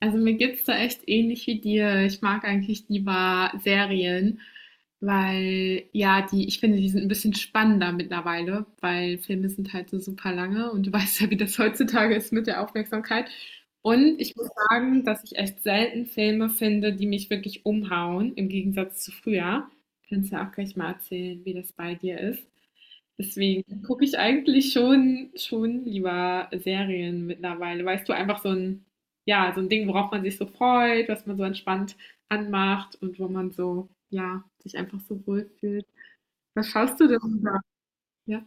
Also mir geht's da echt ähnlich wie dir. Ich mag eigentlich lieber Serien, weil ja, die, ich finde, die sind ein bisschen spannender mittlerweile, weil Filme sind halt so super lange und du weißt ja, wie das heutzutage ist mit der Aufmerksamkeit. Und ich muss sagen, dass ich echt selten Filme finde, die mich wirklich umhauen, im Gegensatz zu früher. Kannst du ja auch gleich mal erzählen, wie das bei dir ist. Deswegen gucke ich eigentlich schon lieber Serien mittlerweile. Weißt du, einfach so ein, ja, so ein Ding, worauf man sich so freut, was man so entspannt anmacht und wo man so, ja, sich einfach so wohlfühlt. Was schaust du denn da? Ja.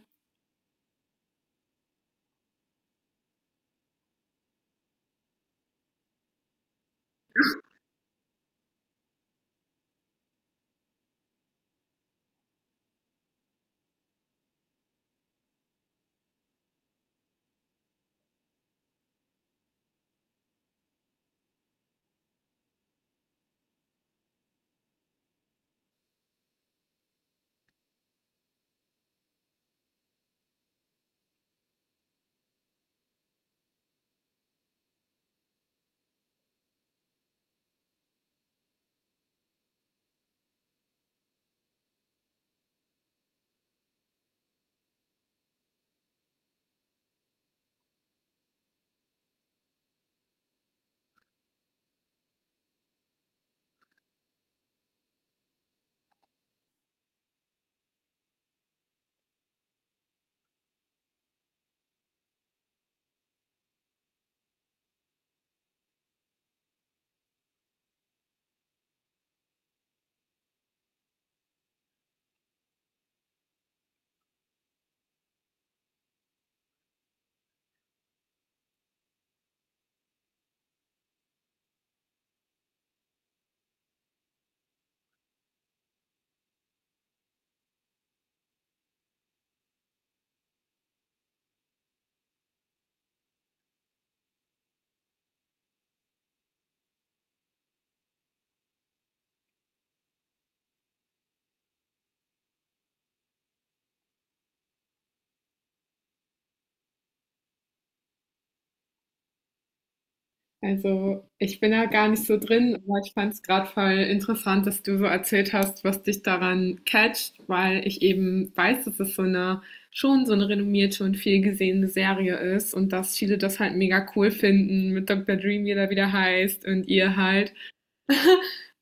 Also, ich bin da gar nicht so drin, aber ich fand es gerade voll interessant, dass du so erzählt hast, was dich daran catcht, weil ich eben weiß, dass es so eine, schon so eine renommierte und viel gesehene Serie ist und dass viele das halt mega cool finden mit Dr. Dream, wie er wieder heißt und ihr halt.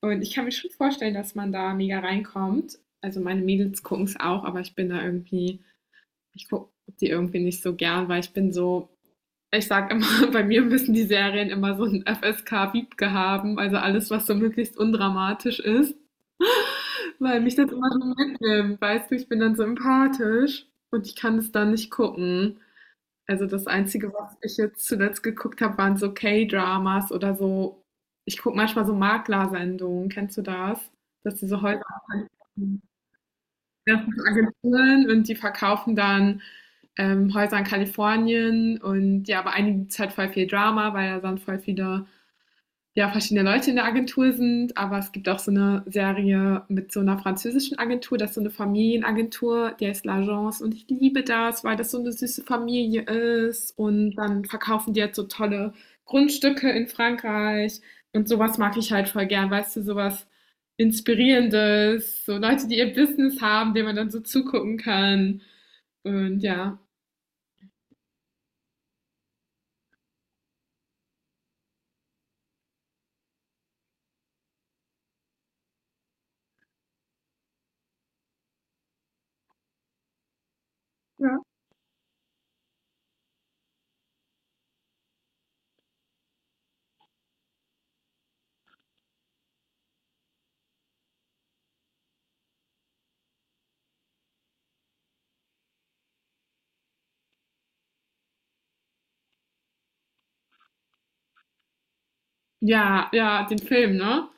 Und ich kann mir schon vorstellen, dass man da mega reinkommt. Also meine Mädels gucken es auch, aber ich bin da irgendwie, ich gucke die irgendwie nicht so gern, weil ich bin so, ich sage immer, bei mir müssen die Serien immer so 'n FSK-Wiebke haben, also alles, was so möglichst undramatisch ist, weil mich das immer so mitnimmt, weißt du? Ich bin dann so empathisch und ich kann es dann nicht gucken. Also, das Einzige, was ich jetzt zuletzt geguckt habe, waren so K-Dramas oder so. Ich gucke manchmal so Maklersendungen. Kennst du das? Dass diese Häuser, das sind so Agenturen und die verkaufen dann, Häuser in Kalifornien, und ja, bei einigen gibt's halt voll viel Drama, weil da dann voll viele, ja, verschiedene Leute in der Agentur sind. Aber es gibt auch so eine Serie mit so einer französischen Agentur, das ist so eine Familienagentur, die heißt L'Agence, und ich liebe das, weil das so eine süße Familie ist und dann verkaufen die jetzt so tolle Grundstücke in Frankreich. Und sowas mag ich halt voll gern, weißt du, sowas Inspirierendes, so Leute, die ihr Business haben, denen man dann so zugucken kann, und ja. Ja, ja, ja, den Film, ne?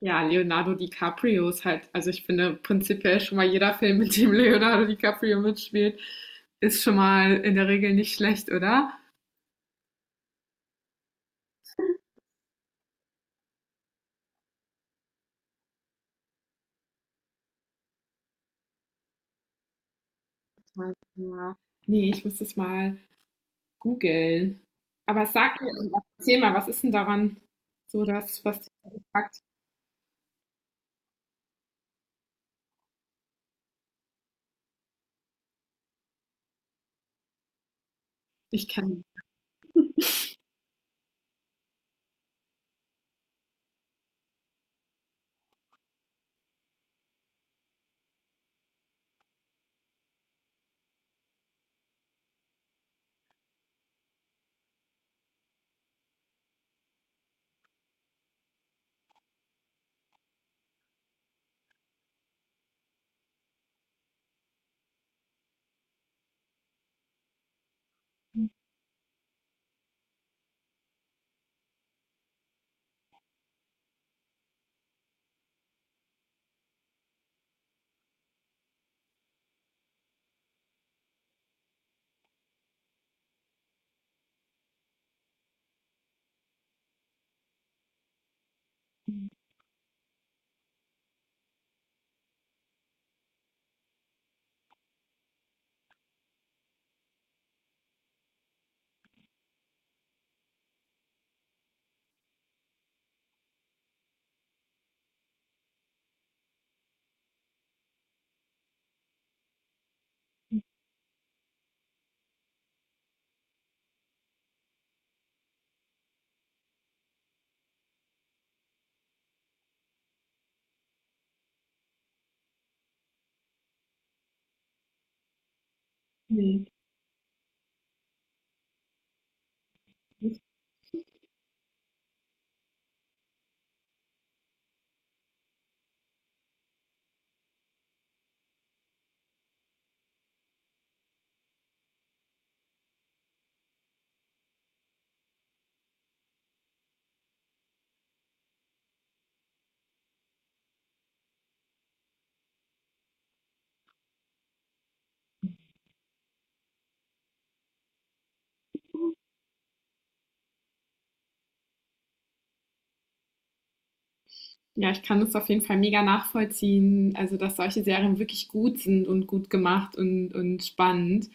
Ja, Leonardo DiCaprio ist halt, also ich finde prinzipiell schon mal, jeder Film, mit dem Leonardo DiCaprio mitspielt, ist schon mal in der Regel nicht schlecht, oder? Warte mal. Nee, ich muss das mal googeln. Aber sag mir irgendwas. Erzähl mal, was ist denn daran so das, was du gesagt hast? Ich kann, nee. Ja, ich kann das auf jeden Fall mega nachvollziehen, also dass solche Serien wirklich gut sind und gut gemacht und spannend.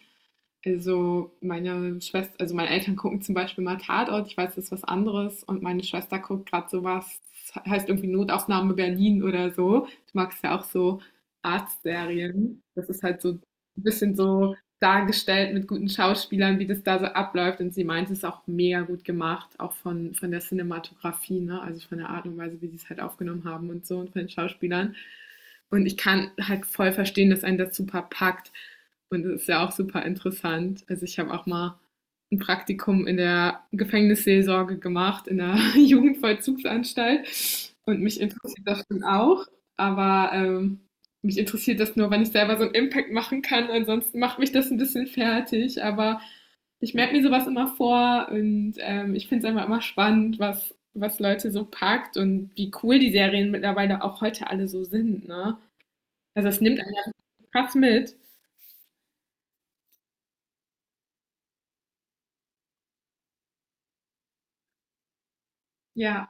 Also, meine Schwester, also, meine Eltern gucken zum Beispiel mal Tatort, ich weiß, das ist was anderes, und meine Schwester guckt gerade so was, das heißt irgendwie Notaufnahme Berlin oder so. Du magst ja auch so Arztserien. Das ist halt so ein bisschen so dargestellt mit guten Schauspielern, wie das da so abläuft, und sie meint, es ist auch mega gut gemacht, auch von der Cinematografie, ne, also von der Art und Weise, wie sie es halt aufgenommen haben und so, und von den Schauspielern. Und ich kann halt voll verstehen, dass einen das super packt. Und das ist ja auch super interessant. Also ich habe auch mal ein Praktikum in der Gefängnisseelsorge gemacht, in der Jugendvollzugsanstalt. Und mich interessiert das schon auch. Aber mich interessiert das nur, wenn ich selber so einen Impact machen kann. Ansonsten macht mich das ein bisschen fertig. Aber ich merke mir sowas immer vor, und ich finde es einfach immer spannend, was, was Leute so packt und wie cool die Serien mittlerweile auch heute alle so sind. Ne? Also es nimmt einen ja krass mit. Ja.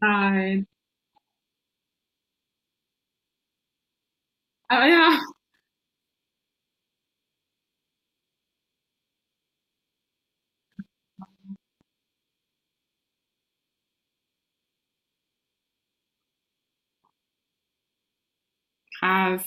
Nein. Aber ja, krass.